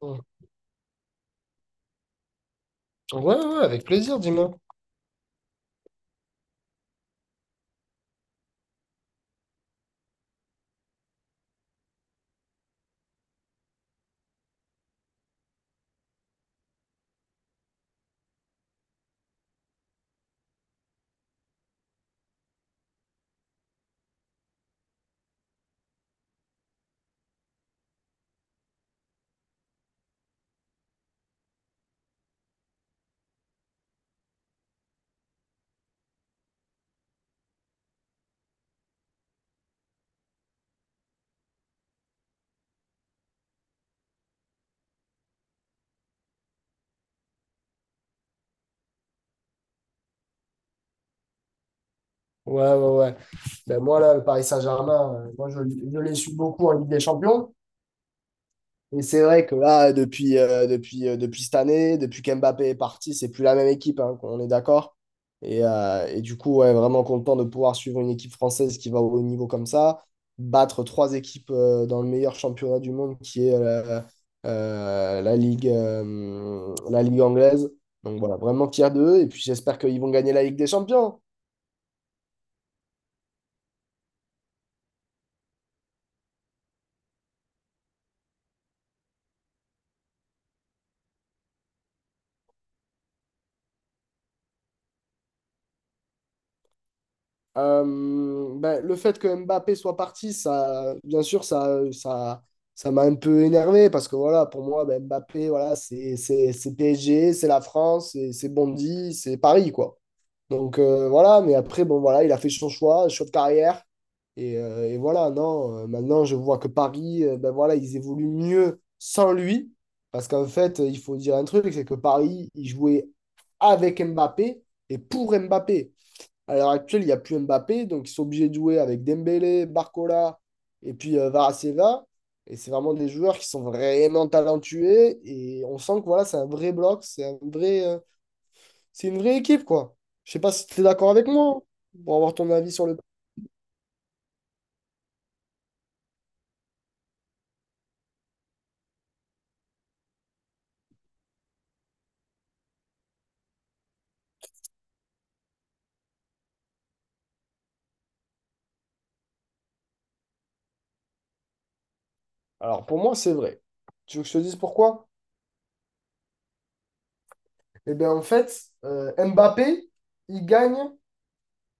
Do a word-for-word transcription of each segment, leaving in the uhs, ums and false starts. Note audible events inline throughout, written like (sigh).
Ouais, ouais, ouais, avec plaisir, dis-moi. Ouais, ouais, ouais. Ben moi, là, le Paris Saint-Germain, euh, moi, je, je les suis beaucoup en Ligue des Champions. Et c'est vrai que là, depuis, euh, depuis, euh, depuis cette année, depuis qu'Mbappé est parti, c'est plus la même équipe, hein, on est d'accord. Et, euh, et du coup, ouais, vraiment content de pouvoir suivre une équipe française qui va au haut niveau comme ça, battre trois équipes euh, dans le meilleur championnat du monde qui est euh, euh, la Ligue, euh, la Ligue anglaise. Donc voilà, vraiment fier d'eux. Et puis j'espère qu'ils vont gagner la Ligue des Champions. Euh, ben, le fait que Mbappé soit parti, ça, bien sûr, ça, ça, ça m'a un peu énervé parce que voilà, pour moi, ben, Mbappé, voilà, c'est, c'est, c'est P S G, c'est la France, c'est c'est Bondy, c'est Paris, quoi. Donc euh, voilà, mais après, bon, voilà, il a fait son choix, choix de carrière. Et, euh, et voilà, non, euh, maintenant, je vois que Paris, euh, ben voilà, ils évoluent mieux sans lui. Parce qu'en fait, il faut dire un truc, c'est que Paris, il jouait avec Mbappé et pour Mbappé. À l'heure actuelle, il n'y a plus Mbappé, donc ils sont obligés de jouer avec Dembélé, Barcola et puis euh, Varaseva. Et c'est vraiment des joueurs qui sont vraiment talentueux et on sent que voilà, c'est un vrai bloc, c'est un vrai, euh, c'est une vraie équipe, quoi. Je sais pas si tu es d'accord avec moi, hein, pour avoir ton avis sur le. Alors pour moi, c'est vrai. Tu veux que je te dise pourquoi? Eh bien, en fait, euh, Mbappé, il gagne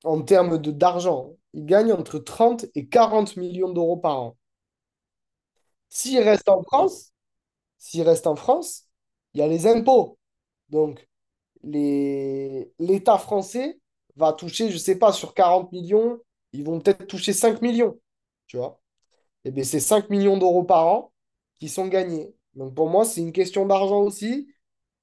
en termes de d'argent, il gagne entre trente et quarante millions d'euros par an. S'il reste en France, S'il reste en France, il y a les impôts. Donc, les... l'État français va toucher, je ne sais pas, sur quarante millions, ils vont peut-être toucher cinq millions. Tu vois? Eh bien, c'est cinq millions d'euros par an qui sont gagnés. Donc pour moi, c'est une question d'argent aussi.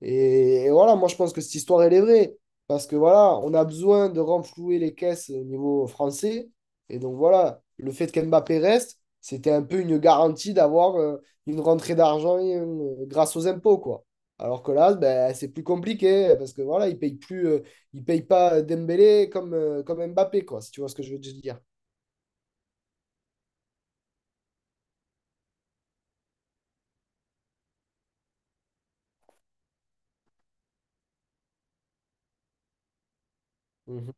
Et, et voilà, moi je pense que cette histoire, elle est vraie. Parce que voilà, on a besoin de renflouer les caisses au niveau français. Et donc voilà, le fait qu'Mbappé reste, c'était un peu une garantie d'avoir euh, une rentrée d'argent euh, grâce aux impôts, quoi. Alors que là, ben, c'est plus compliqué parce que voilà, ils payent plus, euh, ils payent pas Dembélé comme, euh, comme Mbappé, quoi, si tu vois ce que je veux te dire. Mhm.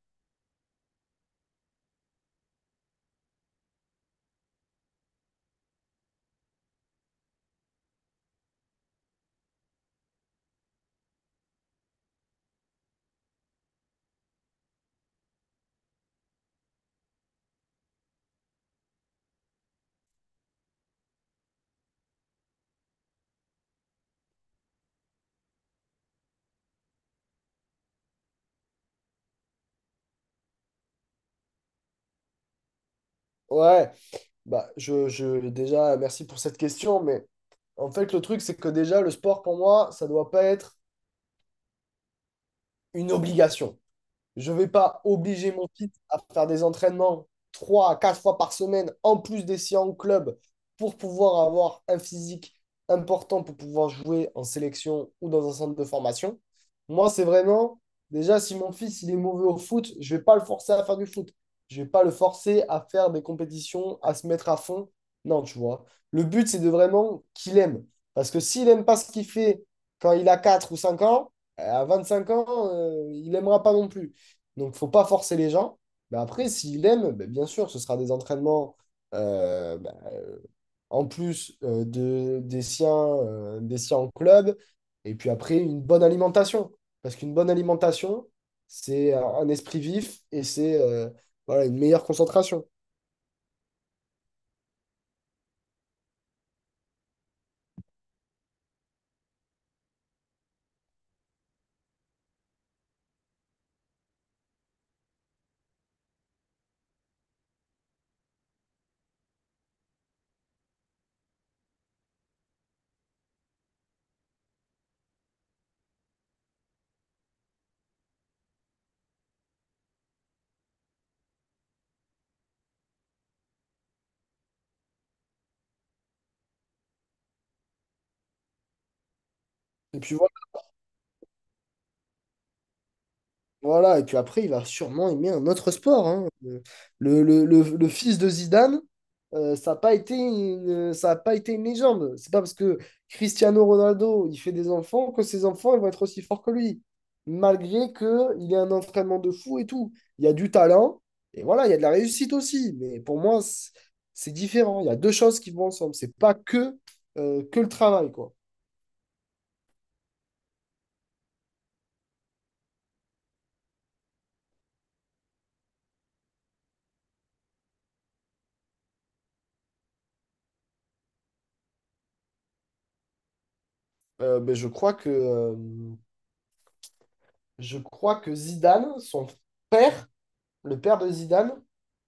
Ouais, Bah, je, je- déjà, merci pour cette question, mais en fait, le truc, c'est que déjà, le sport, pour moi, ça doit pas être une obligation. Je ne vais pas obliger mon fils à faire des entraînements trois à quatre fois par semaine, en plus des séances en club, pour pouvoir avoir un physique important pour pouvoir jouer en sélection ou dans un centre de formation. Moi, c'est vraiment, déjà, si mon fils il est mauvais au foot, je ne vais pas le forcer à faire du foot. Je ne vais pas le forcer à faire des compétitions, à se mettre à fond. Non, tu vois. Le but, c'est de vraiment qu'il aime. Parce que s'il n'aime pas ce qu'il fait quand il a quatre ou cinq ans, euh, à vingt-cinq ans, euh, il n'aimera pas non plus. Donc, il ne faut pas forcer les gens. Mais après, s'il aime, ben, bien sûr, ce sera des entraînements euh, ben, euh, en plus euh, de, des siens, euh, des siens en club. Et puis après, une bonne alimentation. Parce qu'une bonne alimentation, c'est un esprit vif et c'est euh, voilà, une meilleure concentration. Et puis voilà. Voilà, et puis après, il va sûrement aimer un autre sport, hein. Euh, Le, le- le- le fils de Zidane, euh, ça n'a pas été une, euh, ça a pas été une légende. C'est pas parce que Cristiano Ronaldo, il fait des enfants que ses enfants, ils vont être aussi forts que lui. Malgré qu'il ait un entraînement de fou et tout. Il y a du talent, et voilà, il y a de la réussite aussi. Mais pour moi, c'est c'est différent. Il y a deux choses qui vont ensemble. C'est pas que, euh, que le travail, quoi. Euh, ben, je crois que, euh, je crois que Zidane, son père, le père de Zidane,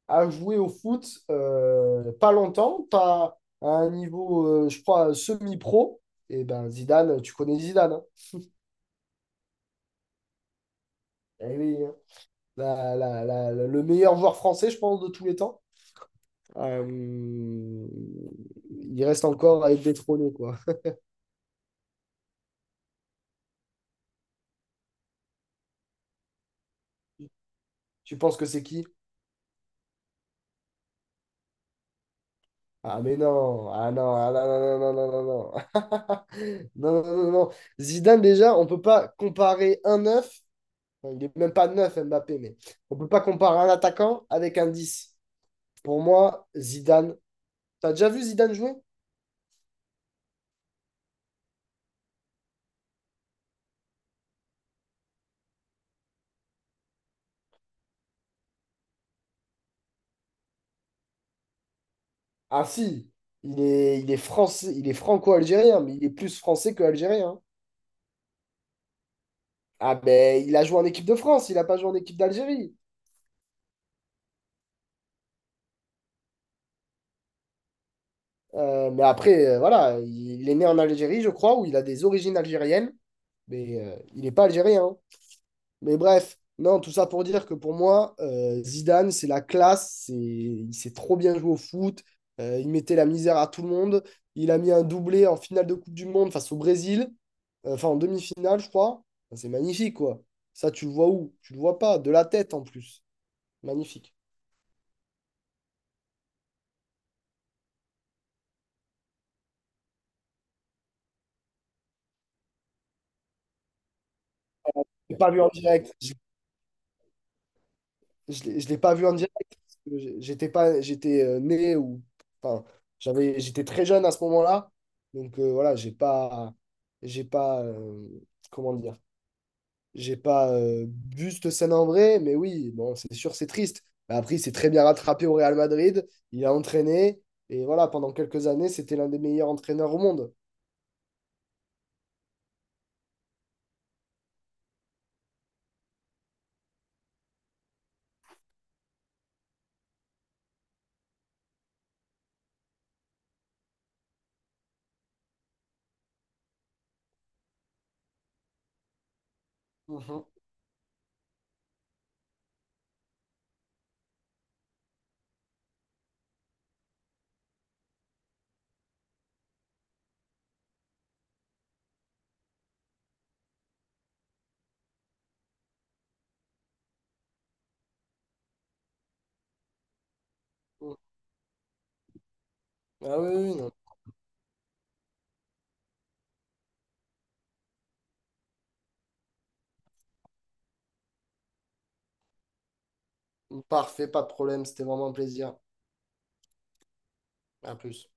a joué au foot euh, pas longtemps, pas à un niveau, euh, je crois, semi-pro. Et ben Zidane, tu connais Zidane, hein. Eh oui, hein. La- la- la- la- le meilleur joueur français, je pense, de tous les temps. Euh, il reste encore à être détrôné, quoi. Tu penses que c'est qui? Ah mais non, ah non, ah non, non, non, non, non, non, non. (laughs) Non, non, non, non, non. Zidane, déjà, on peut pas comparer un neuf. Enfin, il est même pas neuf Mbappé, mais on ne peut pas comparer un attaquant avec un dix. Pour moi, Zidane. T'as déjà vu Zidane jouer? Ah si, il est, il est français, il est franco-algérien, mais il est plus français que algérien, hein. Ah ben, il a joué en équipe de France, il a pas joué en équipe d'Algérie. Euh, mais après, euh, voilà, il est né en Algérie, je crois, où il a des origines algériennes, mais euh, il n'est pas algérien, hein. Mais bref, non, tout ça pour dire que pour moi, euh, Zidane, c'est la classe, c'est... il s'est trop bien joué au foot, euh, il mettait la misère à tout le monde, il a mis un doublé en finale de Coupe du Monde face au Brésil, euh, enfin en demi-finale, je crois. Enfin, c'est magnifique, quoi. Ça, tu le vois où? Tu le vois pas, de la tête en plus. Magnifique. J'ai pas vu en direct. Je Je l'ai je l'ai pas vu en direct, parce que j'- j'étais pas, j'étais euh, né ou enfin, j'avais, j'étais très jeune à ce moment-là. Donc euh, voilà, j'ai pas, j'ai pas, euh, comment dire, j'ai pas euh, vu cette scène en vrai. Mais oui, bon, c'est sûr, c'est triste. Mais après, il s'est très bien rattrapé au Real Madrid. Il a entraîné et voilà, pendant quelques années, c'était l'un des meilleurs entraîneurs au monde. Mhm, mhm. Ah oui, oui, non. Parfait, pas de problème. C'était vraiment un plaisir. À plus.